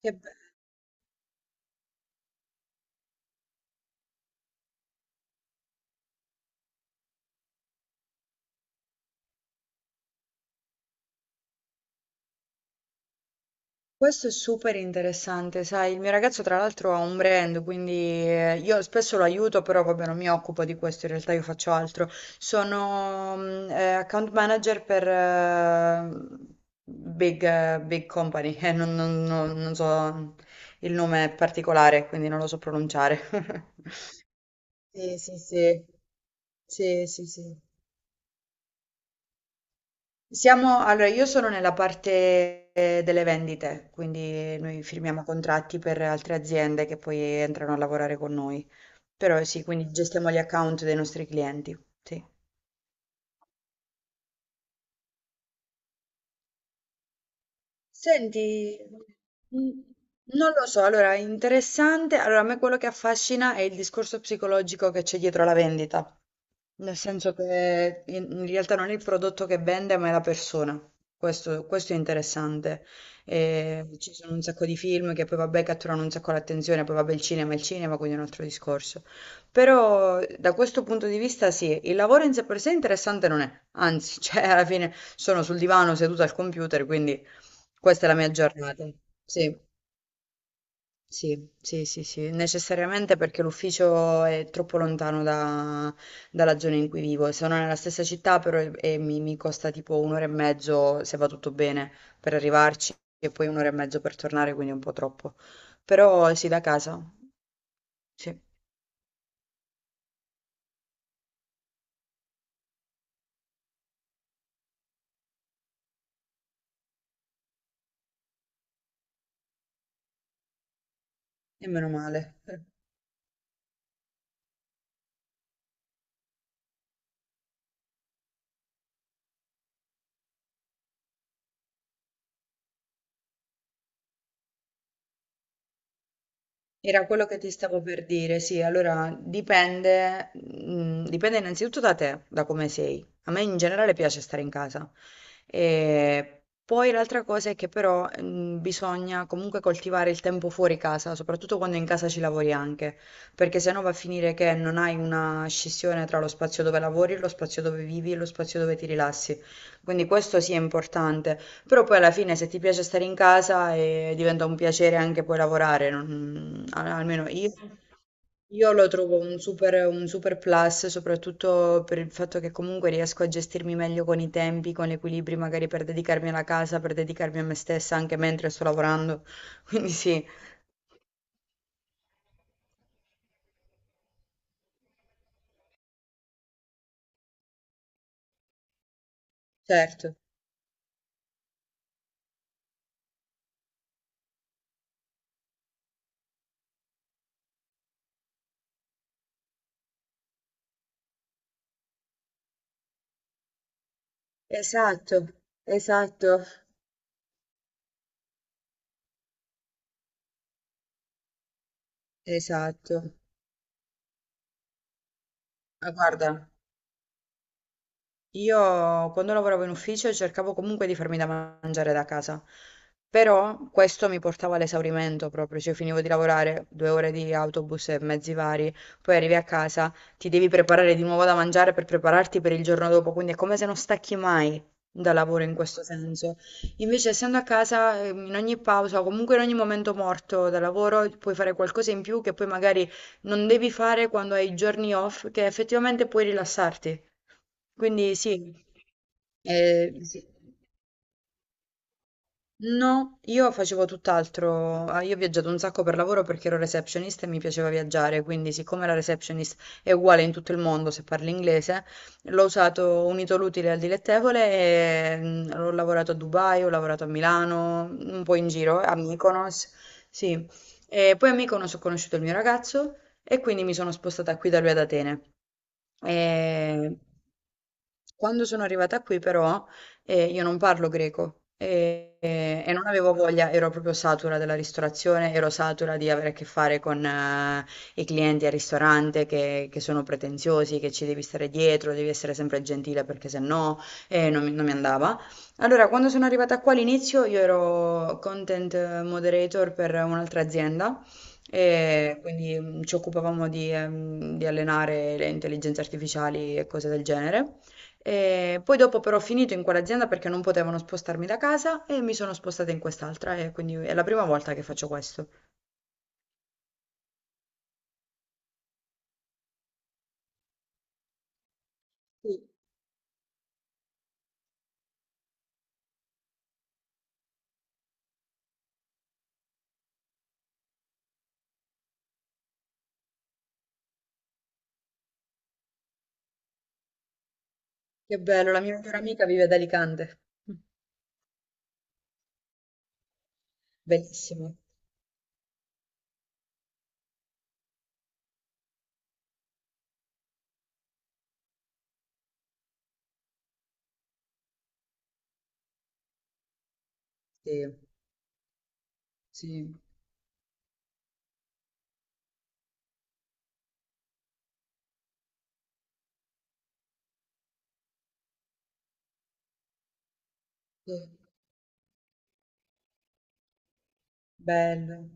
Che be- Questo è super interessante, sai, il mio ragazzo tra l'altro ha un brand, quindi io spesso lo aiuto, però vabbè non mi occupo di questo, in realtà io faccio altro. Sono account manager per big company, non so il nome particolare, quindi non lo so pronunciare. Sì, sì, sì. Sì, sì, sì. Allora io sono nella parte delle vendite, quindi noi firmiamo contratti per altre aziende che poi entrano a lavorare con noi. Però sì, quindi gestiamo gli account dei nostri clienti. Sì. Senti, mm, non lo so, allora interessante, allora a me quello che affascina è il discorso psicologico che c'è dietro la vendita. Nel senso che in realtà non è il prodotto che vende, ma è la persona. Questo è interessante. E ci sono un sacco di film che poi vabbè catturano un sacco l'attenzione, poi vabbè il cinema è il cinema, quindi è un altro discorso. Però da questo punto di vista sì, il lavoro in sé per sé interessante non è. Anzi, cioè alla fine sono sul divano seduta al computer, quindi questa è la mia giornata. Sì. Sì, sì, sì, sì, necessariamente perché l'ufficio è troppo lontano dalla zona in cui vivo. Sono nella stessa città, però mi costa tipo un'ora e mezzo, se va tutto bene, per arrivarci e poi un'ora e mezzo per tornare, quindi è un po' troppo. Però sì, da casa, sì, e meno male. Era quello che ti stavo per dire, sì, allora dipende innanzitutto da te, da come sei. A me in generale piace stare in casa. E poi l'altra cosa è che però bisogna comunque coltivare il tempo fuori casa, soprattutto quando in casa ci lavori anche, perché sennò va a finire che non hai una scissione tra lo spazio dove lavori, lo spazio dove vivi e lo spazio dove ti rilassi. Quindi questo sì è importante. Però poi alla fine se ti piace stare in casa diventa un piacere anche poi lavorare, almeno io lo trovo un super plus, soprattutto per il fatto che comunque riesco a gestirmi meglio con i tempi, con gli equilibri, magari per dedicarmi alla casa, per dedicarmi a me stessa anche mentre sto lavorando. Quindi sì, certo. Esatto, esatto, esatto. Ma guarda. Io quando lavoravo in ufficio cercavo comunque di farmi da mangiare da casa, però questo mi portava all'esaurimento proprio, cioè finivo di lavorare 2 ore di autobus e mezzi vari, poi arrivi a casa, ti devi preparare di nuovo da mangiare per prepararti per il giorno dopo, quindi è come se non stacchi mai dal lavoro in questo senso. Invece essendo a casa, in ogni pausa o comunque in ogni momento morto dal lavoro puoi fare qualcosa in più che poi magari non devi fare quando hai i giorni off, che effettivamente puoi rilassarti. Quindi sì, sì. No, io facevo tutt'altro. Ah, io ho viaggiato un sacco per lavoro perché ero receptionist e mi piaceva viaggiare, quindi siccome la receptionist è uguale in tutto il mondo se parli inglese, l'ho usato unito l'utile al dilettevole e ho lavorato a Dubai, ho lavorato a Milano, un po' in giro, a Mykonos, sì. E poi a Mykonos ho conosciuto il mio ragazzo e quindi mi sono spostata qui da lui ad Atene. E... Quando sono arrivata qui, però, e io non parlo greco e non avevo voglia, ero proprio satura della ristorazione, ero satura di avere a che fare con i clienti al ristorante che sono pretenziosi, che ci devi stare dietro, devi essere sempre gentile perché se no non mi andava. Allora, quando sono arrivata qua all'inizio, io ero content moderator per un'altra azienda, e quindi ci occupavamo di allenare le intelligenze artificiali e cose del genere. E poi dopo però ho finito in quell'azienda perché non potevano spostarmi da casa e mi sono spostata in quest'altra e quindi è la prima volta che faccio questo. Sì, che bello, la mia migliore amica vive ad Alicante. Bellissimo. Sì, sì, sì. Bello.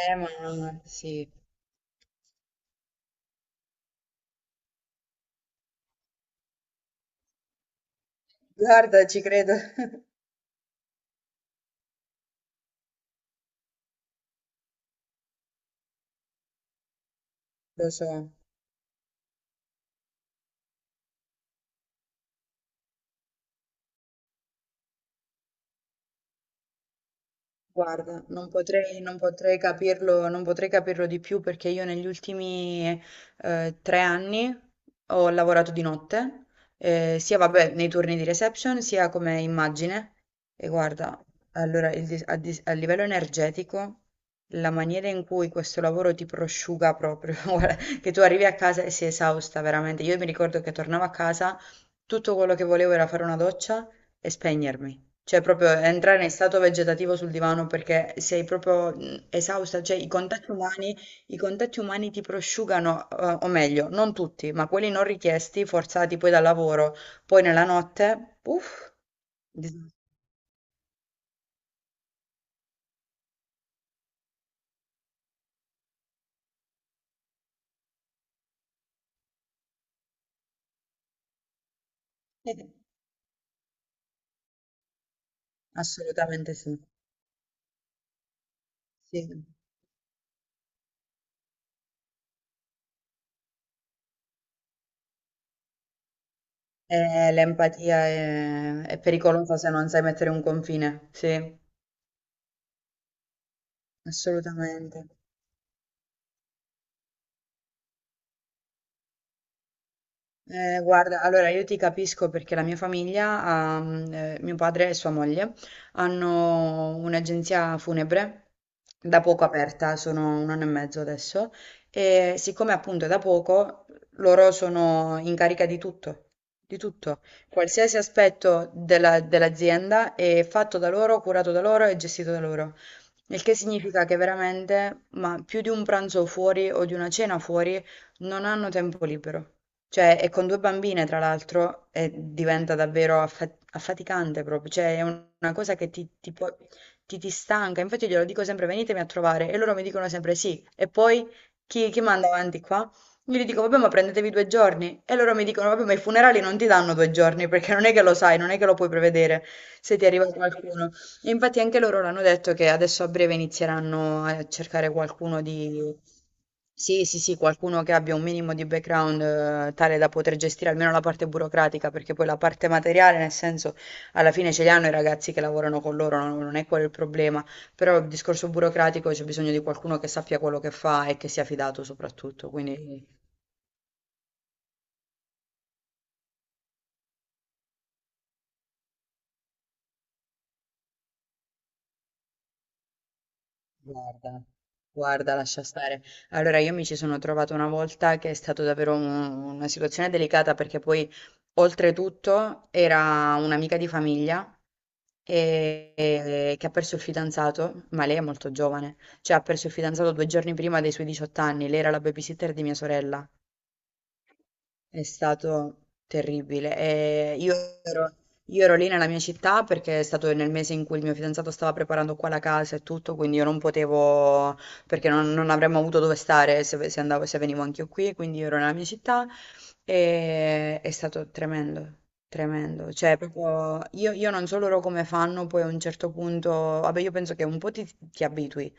Ma sì. Guarda, ci credo. Lo so. Guarda, non potrei capirlo, non potrei capirlo di più perché io negli ultimi 3 anni ho lavorato di notte, sia vabbè, nei turni di reception, sia come immagine. E guarda, allora il dis- a, dis- a livello energetico, la maniera in cui questo lavoro ti prosciuga proprio, guarda, che tu arrivi a casa e sei esausta veramente. Io mi ricordo che tornavo a casa, tutto quello che volevo era fare una doccia e spegnermi. Cioè proprio entrare in stato vegetativo sul divano perché sei proprio esausta, cioè i contatti umani ti prosciugano, o meglio, non tutti, ma quelli non richiesti, forzati poi dal lavoro, poi nella notte, uff, dis- assolutamente sì. Sì. L'empatia è pericolosa se non sai mettere un confine, sì, assolutamente. Guarda, allora io ti capisco perché la mia famiglia, mio padre e sua moglie, hanno un'agenzia funebre da poco aperta, sono un anno e mezzo adesso, e siccome appunto è da poco, loro sono in carica di tutto, di tutto. Qualsiasi aspetto dell'azienda è fatto da loro, curato da loro e gestito da loro. Il che significa che veramente, ma più di un pranzo fuori o di una cena fuori, non hanno tempo libero. Cioè, e con 2 bambine tra l'altro, e diventa davvero affaticante proprio, cioè è un una cosa che ti può ti stanca, infatti io glielo dico sempre: "Venitemi a trovare" e loro mi dicono sempre: "Sì" e poi chi manda avanti qua? Io gli dico: "Vabbè, ma prendetevi 2 giorni" e loro mi dicono: "Vabbè, ma i funerali non ti danno 2 giorni, perché non è che lo sai, non è che lo puoi prevedere se ti arriva qualcuno". E infatti anche loro l'hanno detto che adesso a breve inizieranno a cercare qualcuno di... Sì, sì, sì, qualcuno che abbia un minimo di background tale da poter gestire almeno la parte burocratica, perché poi la parte materiale, nel senso, alla fine ce li hanno i ragazzi che lavorano con loro, non, non è quello il problema, però il discorso burocratico c'è bisogno di qualcuno che sappia quello che fa e che sia fidato soprattutto, quindi guarda, guarda, lascia stare. Allora, io mi ci sono trovata una volta che è stata davvero una situazione delicata perché poi, oltretutto, era un'amica di famiglia che ha perso il fidanzato, ma lei è molto giovane, cioè ha perso il fidanzato 2 giorni prima dei suoi 18 anni, lei era la babysitter di mia sorella. È stato terribile. E ero, io ero lì nella mia città perché è stato nel mese in cui il mio fidanzato stava preparando qua la casa e tutto, quindi io non potevo, perché non avremmo avuto dove stare se, se andavo, se venivo anche io qui, quindi io ero nella mia città e è stato tremendo. Tremendo, cioè proprio io non so loro come fanno, poi a un certo punto, vabbè io penso che un po' ti abitui,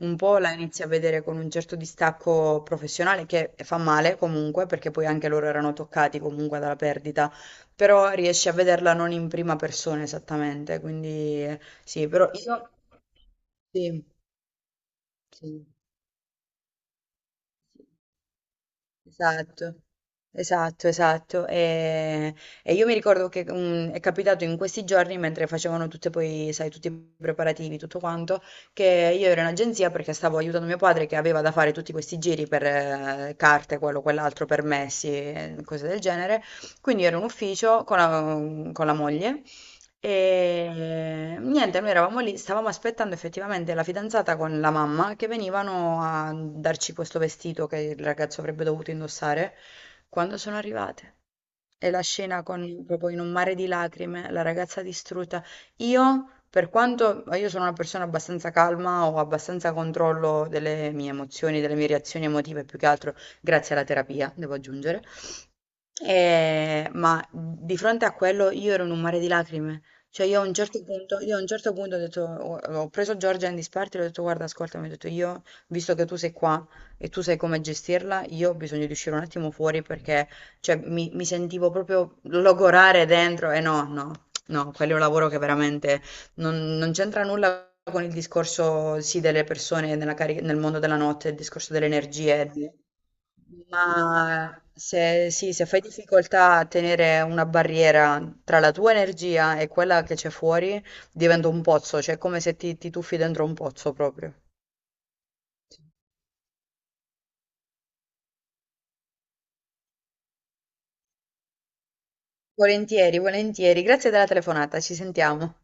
un po' la inizi a vedere con un certo distacco professionale che fa male comunque, perché poi anche loro erano toccati comunque dalla perdita, però riesci a vederla non in prima persona esattamente, quindi sì, però io... Sì, sì. Esatto, esatto, esatto. E io mi ricordo che è capitato in questi giorni, mentre facevano tutte poi, sai, tutti i preparativi, tutto quanto, che io ero in agenzia perché stavo aiutando mio padre che aveva da fare tutti questi giri per carte, quello, quell'altro, permessi, e cose del genere. Quindi ero in ufficio con la moglie. E niente, noi eravamo lì, stavamo aspettando effettivamente la fidanzata con la mamma che venivano a darci questo vestito che il ragazzo avrebbe dovuto indossare quando sono arrivate. E la scena con proprio in un mare di lacrime, la ragazza distrutta. Io, per quanto io sono una persona abbastanza calma, ho abbastanza controllo delle mie emozioni, delle mie reazioni emotive, più che altro grazie alla terapia, devo aggiungere. Ma di fronte a quello io ero in un mare di lacrime. Cioè io a un certo punto, io a un certo punto ho detto, ho preso Giorgia in disparte e le ho detto guarda, ascoltami, ho detto io, visto che tu sei qua e tu sai come gestirla, io ho bisogno di uscire un attimo fuori perché cioè, mi sentivo proprio logorare dentro e no, no, no, quello è un lavoro che veramente non c'entra nulla con il discorso sì delle persone nella nel mondo della notte, il discorso delle energie. Ma se, sì, se fai difficoltà a tenere una barriera tra la tua energia e quella che c'è fuori, diventa un pozzo, cioè è come se ti tuffi dentro un pozzo proprio. Volentieri, volentieri. Grazie della telefonata, ci sentiamo.